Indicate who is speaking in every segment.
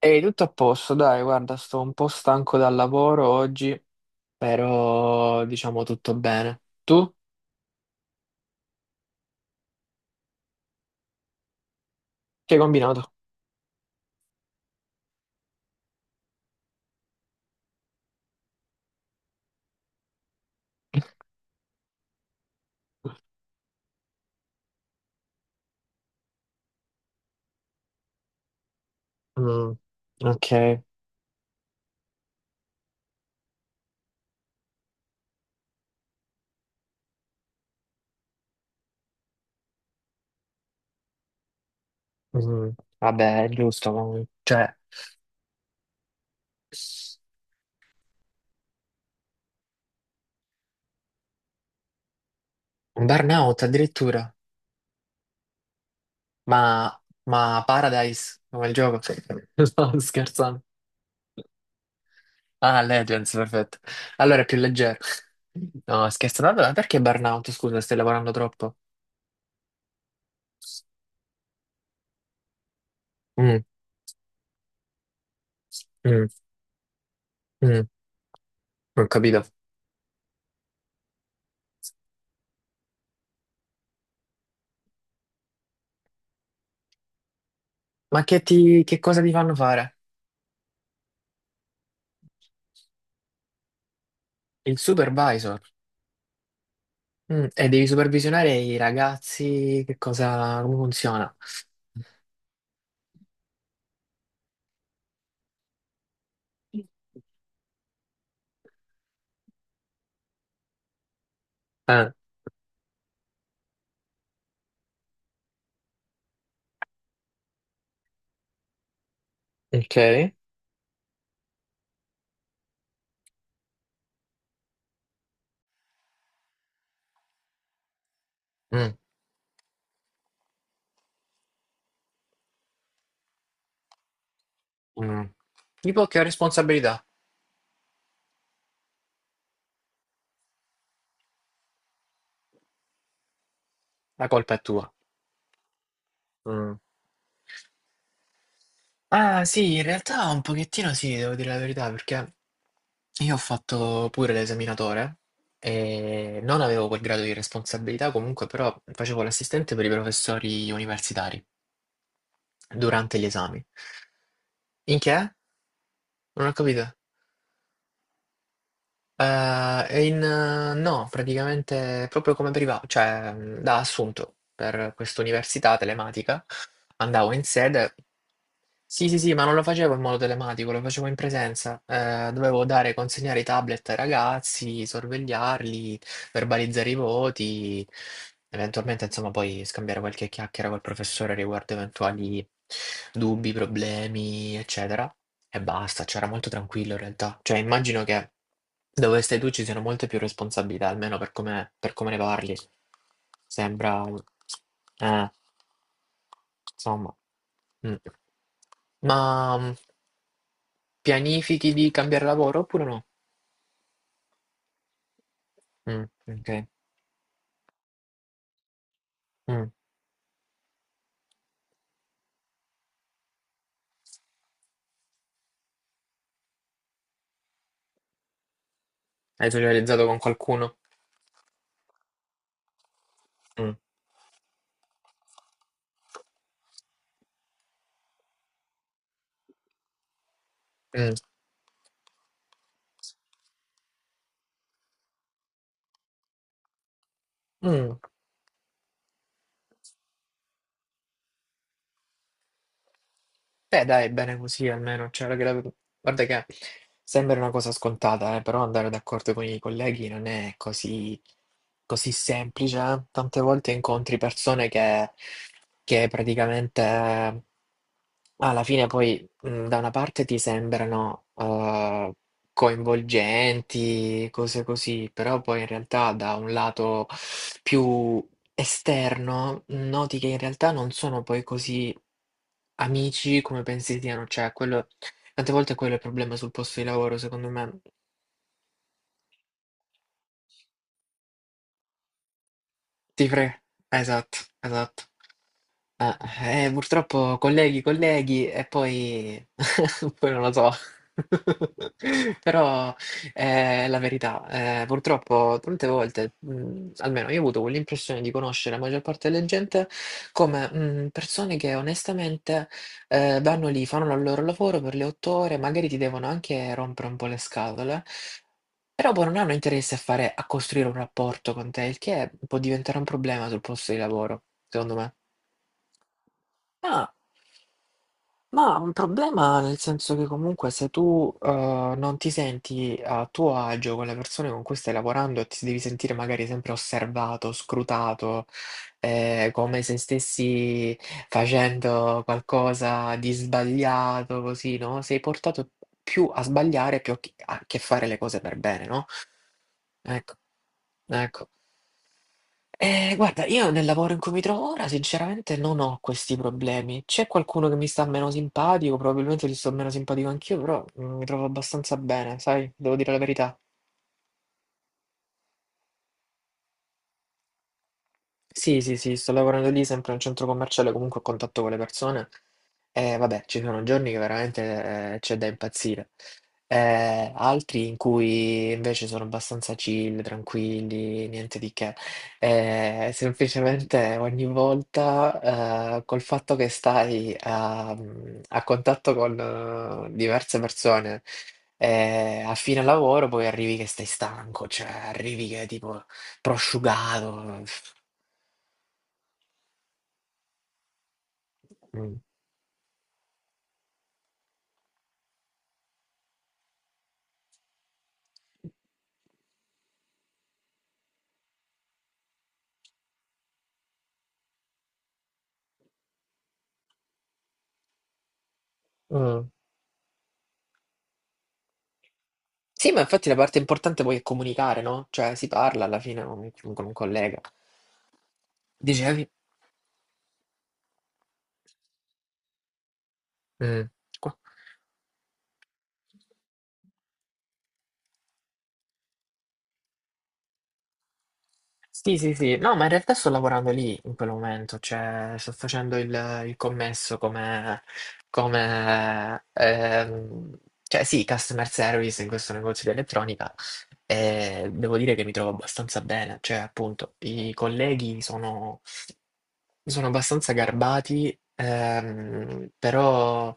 Speaker 1: Ehi, tutto a posto, dai, guarda, sto un po' stanco dal lavoro oggi, però diciamo tutto bene. Tu? Che hai combinato? Mm, ok. Mm, vabbè, è giusto, cioè, un burnout addirittura, ma Paradise, come il gioco? Sto scherzando. Ah, Legends, perfetto. Allora è più leggero. No, scherzando, allora perché burnout? Scusa, stai lavorando troppo? Mm, mm, mm, non ho capito. Ma che cosa ti fanno fare? Il supervisor. Mm, e devi supervisionare i ragazzi, che cosa, come funziona? Ah, ok. Mm, mm. Tipo che ho responsabilità, la colpa è tua. Mm. Ah, sì, in realtà un pochettino sì, devo dire la verità, perché io ho fatto pure l'esaminatore e non avevo quel grado di responsabilità, comunque però facevo l'assistente per i professori universitari durante gli esami. In che? Non ho capito. È in no, praticamente proprio come priva cioè, da assunto per questa università telematica. Andavo in sede, sì, sì, sì, ma non lo facevo in modo telematico, lo facevo in presenza. Dovevo dare consegnare i tablet ai ragazzi, sorvegliarli, verbalizzare i voti, eventualmente, insomma, poi scambiare qualche chiacchiera col professore riguardo eventuali dubbi, problemi, eccetera. E basta, cioè era molto tranquillo in realtà. Cioè, immagino che dove stai tu ci siano molte più responsabilità, almeno per come ne parli. Sembra... Eh, insomma... mm. Ma mm, pianifichi di cambiare lavoro oppure no? Mm, ok. Mm. Hai socializzato con qualcuno? Mm. Mm. Mm. Beh, dai, bene così almeno. Cioè, guarda che sembra una cosa scontata, però andare d'accordo con i colleghi non è così semplice, eh. Tante volte incontri persone che praticamente alla fine poi mm, da una parte ti sembrano coinvolgenti, cose così, però poi in realtà da un lato più esterno, noti che in realtà non sono poi così amici come pensi siano, cioè quello tante volte quello è il problema sul posto di lavoro, secondo me. Ti pre esatto, esatto. Purtroppo colleghi, colleghi e poi poi non lo so. Però, è la verità, purtroppo tante volte, almeno io ho avuto quell'impressione di conoscere la maggior parte delle gente come, persone che onestamente, vanno lì, fanno la loro lavoro per le 8 ore, magari ti devono anche rompere un po' le scatole, però poi non hanno interesse a costruire un rapporto con te, il che può diventare un problema sul posto di lavoro, secondo me. Ah. Ma un problema nel senso che comunque se tu, non ti senti a tuo agio con le persone con cui stai lavorando e ti devi sentire magari sempre osservato, scrutato, come se stessi facendo qualcosa di sbagliato, così, no, sei portato più a sbagliare più a che fare le cose per bene, no? Ecco. Ecco. Guarda, io nel lavoro in cui mi trovo ora sinceramente non ho questi problemi. C'è qualcuno che mi sta meno simpatico, probabilmente gli sto meno simpatico anch'io, però, mi trovo abbastanza bene, sai, devo dire la verità. Sì, sì, sì, sto lavorando lì sempre in un centro commerciale, comunque a contatto con le persone. E vabbè, ci sono giorni che veramente c'è da impazzire. Altri in cui invece sono abbastanza chill, tranquilli, niente di che. Semplicemente ogni volta, col fatto che a contatto con diverse persone, a fine lavoro poi arrivi che stai stanco, cioè arrivi che tipo prosciugato. Mm. Mm. Sì, ma infatti la parte importante poi è comunicare, no? Cioè si parla alla fine con un collega. Dicevi? Mm. Qua- Sì, sì, sì. No, ma in realtà sto lavorando lì in quel momento, cioè sto facendo il commesso come, come cioè sì, customer service in questo negozio di elettronica e devo dire che mi trovo abbastanza bene, cioè appunto i colleghi sono. Sono abbastanza garbati, però,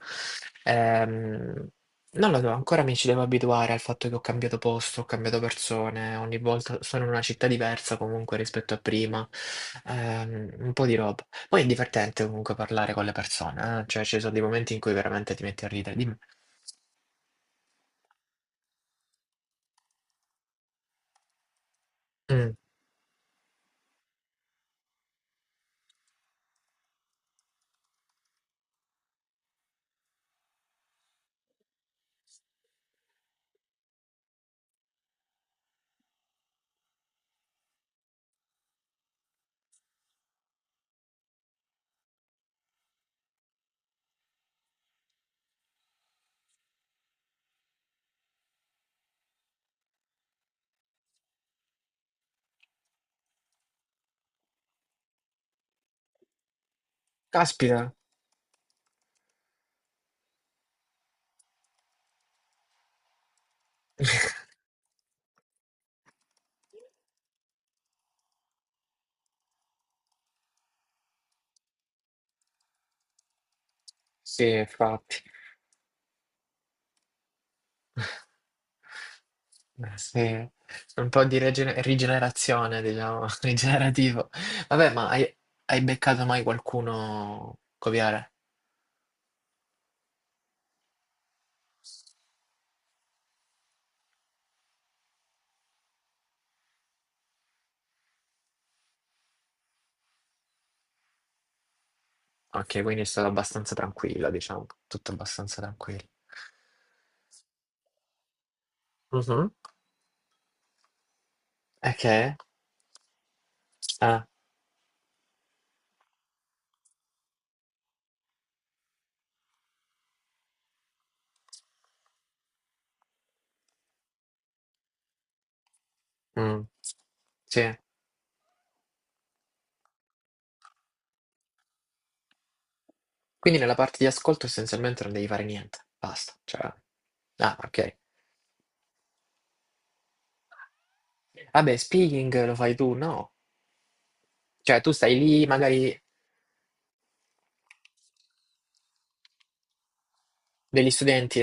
Speaker 1: ehm, non lo so, ancora mi ci devo abituare al fatto che ho cambiato posto, ho cambiato persone, ogni volta sono in una città diversa comunque rispetto a prima, un po' di roba. Poi è divertente comunque parlare con le persone, cioè ci sono dei momenti in cui veramente ti metti a ridere. Dimmi. Mm. Caspita! Sì, infatti. Eh sì, un po' di rigenerazione, diciamo, rigenerativo. Vabbè, hai beccato mai qualcuno copiare? Ok, quindi è stato abbastanza tranquillo, diciamo, tutto abbastanza tranquillo. Mhm. Ok. Ah, mm, sì. Quindi nella parte di ascolto essenzialmente non devi fare niente, basta. Cioè... ah, ok. Vabbè, speaking lo fai tu, no? Cioè, tu stai lì, magari... degli studenti?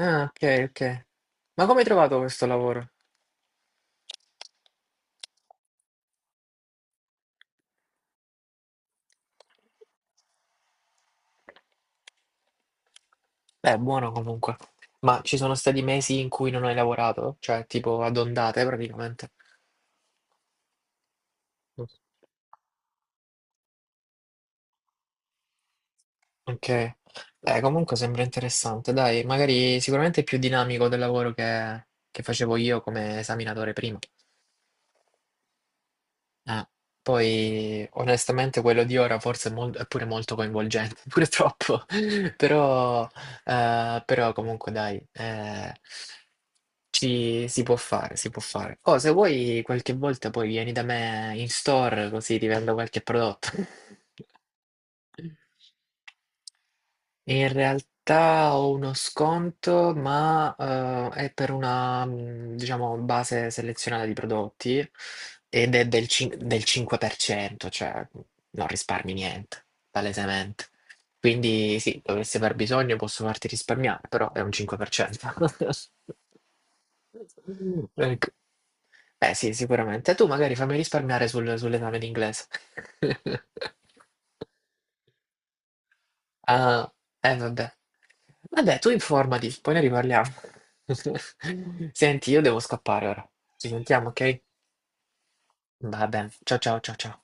Speaker 1: Ah, ok, ok. Ma come hai trovato questo lavoro? Beh, buono comunque. Ma ci sono stati mesi in cui non hai lavorato? Cioè, tipo ad ondate praticamente. Mm. Ok. Beh, comunque sembra interessante. Dai, magari sicuramente è più dinamico del lavoro che facevo io come esaminatore prima. Eh, poi onestamente quello di ora forse è, è pure molto coinvolgente, pure troppo, però, però comunque dai, si può fare, si può fare. Oh, se vuoi qualche volta poi vieni da me in store così ti vendo qualche prodotto. E in realtà ho uno sconto, ma, è per una, diciamo, base selezionata di prodotti ed è del 5%, cioè, mhmm, non risparmi niente, palesemente. Quindi sì, dovessi aver bisogno posso farti risparmiare, però è un 5%. Ecco. Eh sì, sicuramente. Tu magari fammi risparmiare sull'esame di inglese. Ah, eh vabbè. Vabbè, tu informati, poi ne riparliamo. Senti, io devo scappare ora. Ci sentiamo, ok? Va bene. Ciao ciao ciao ciao.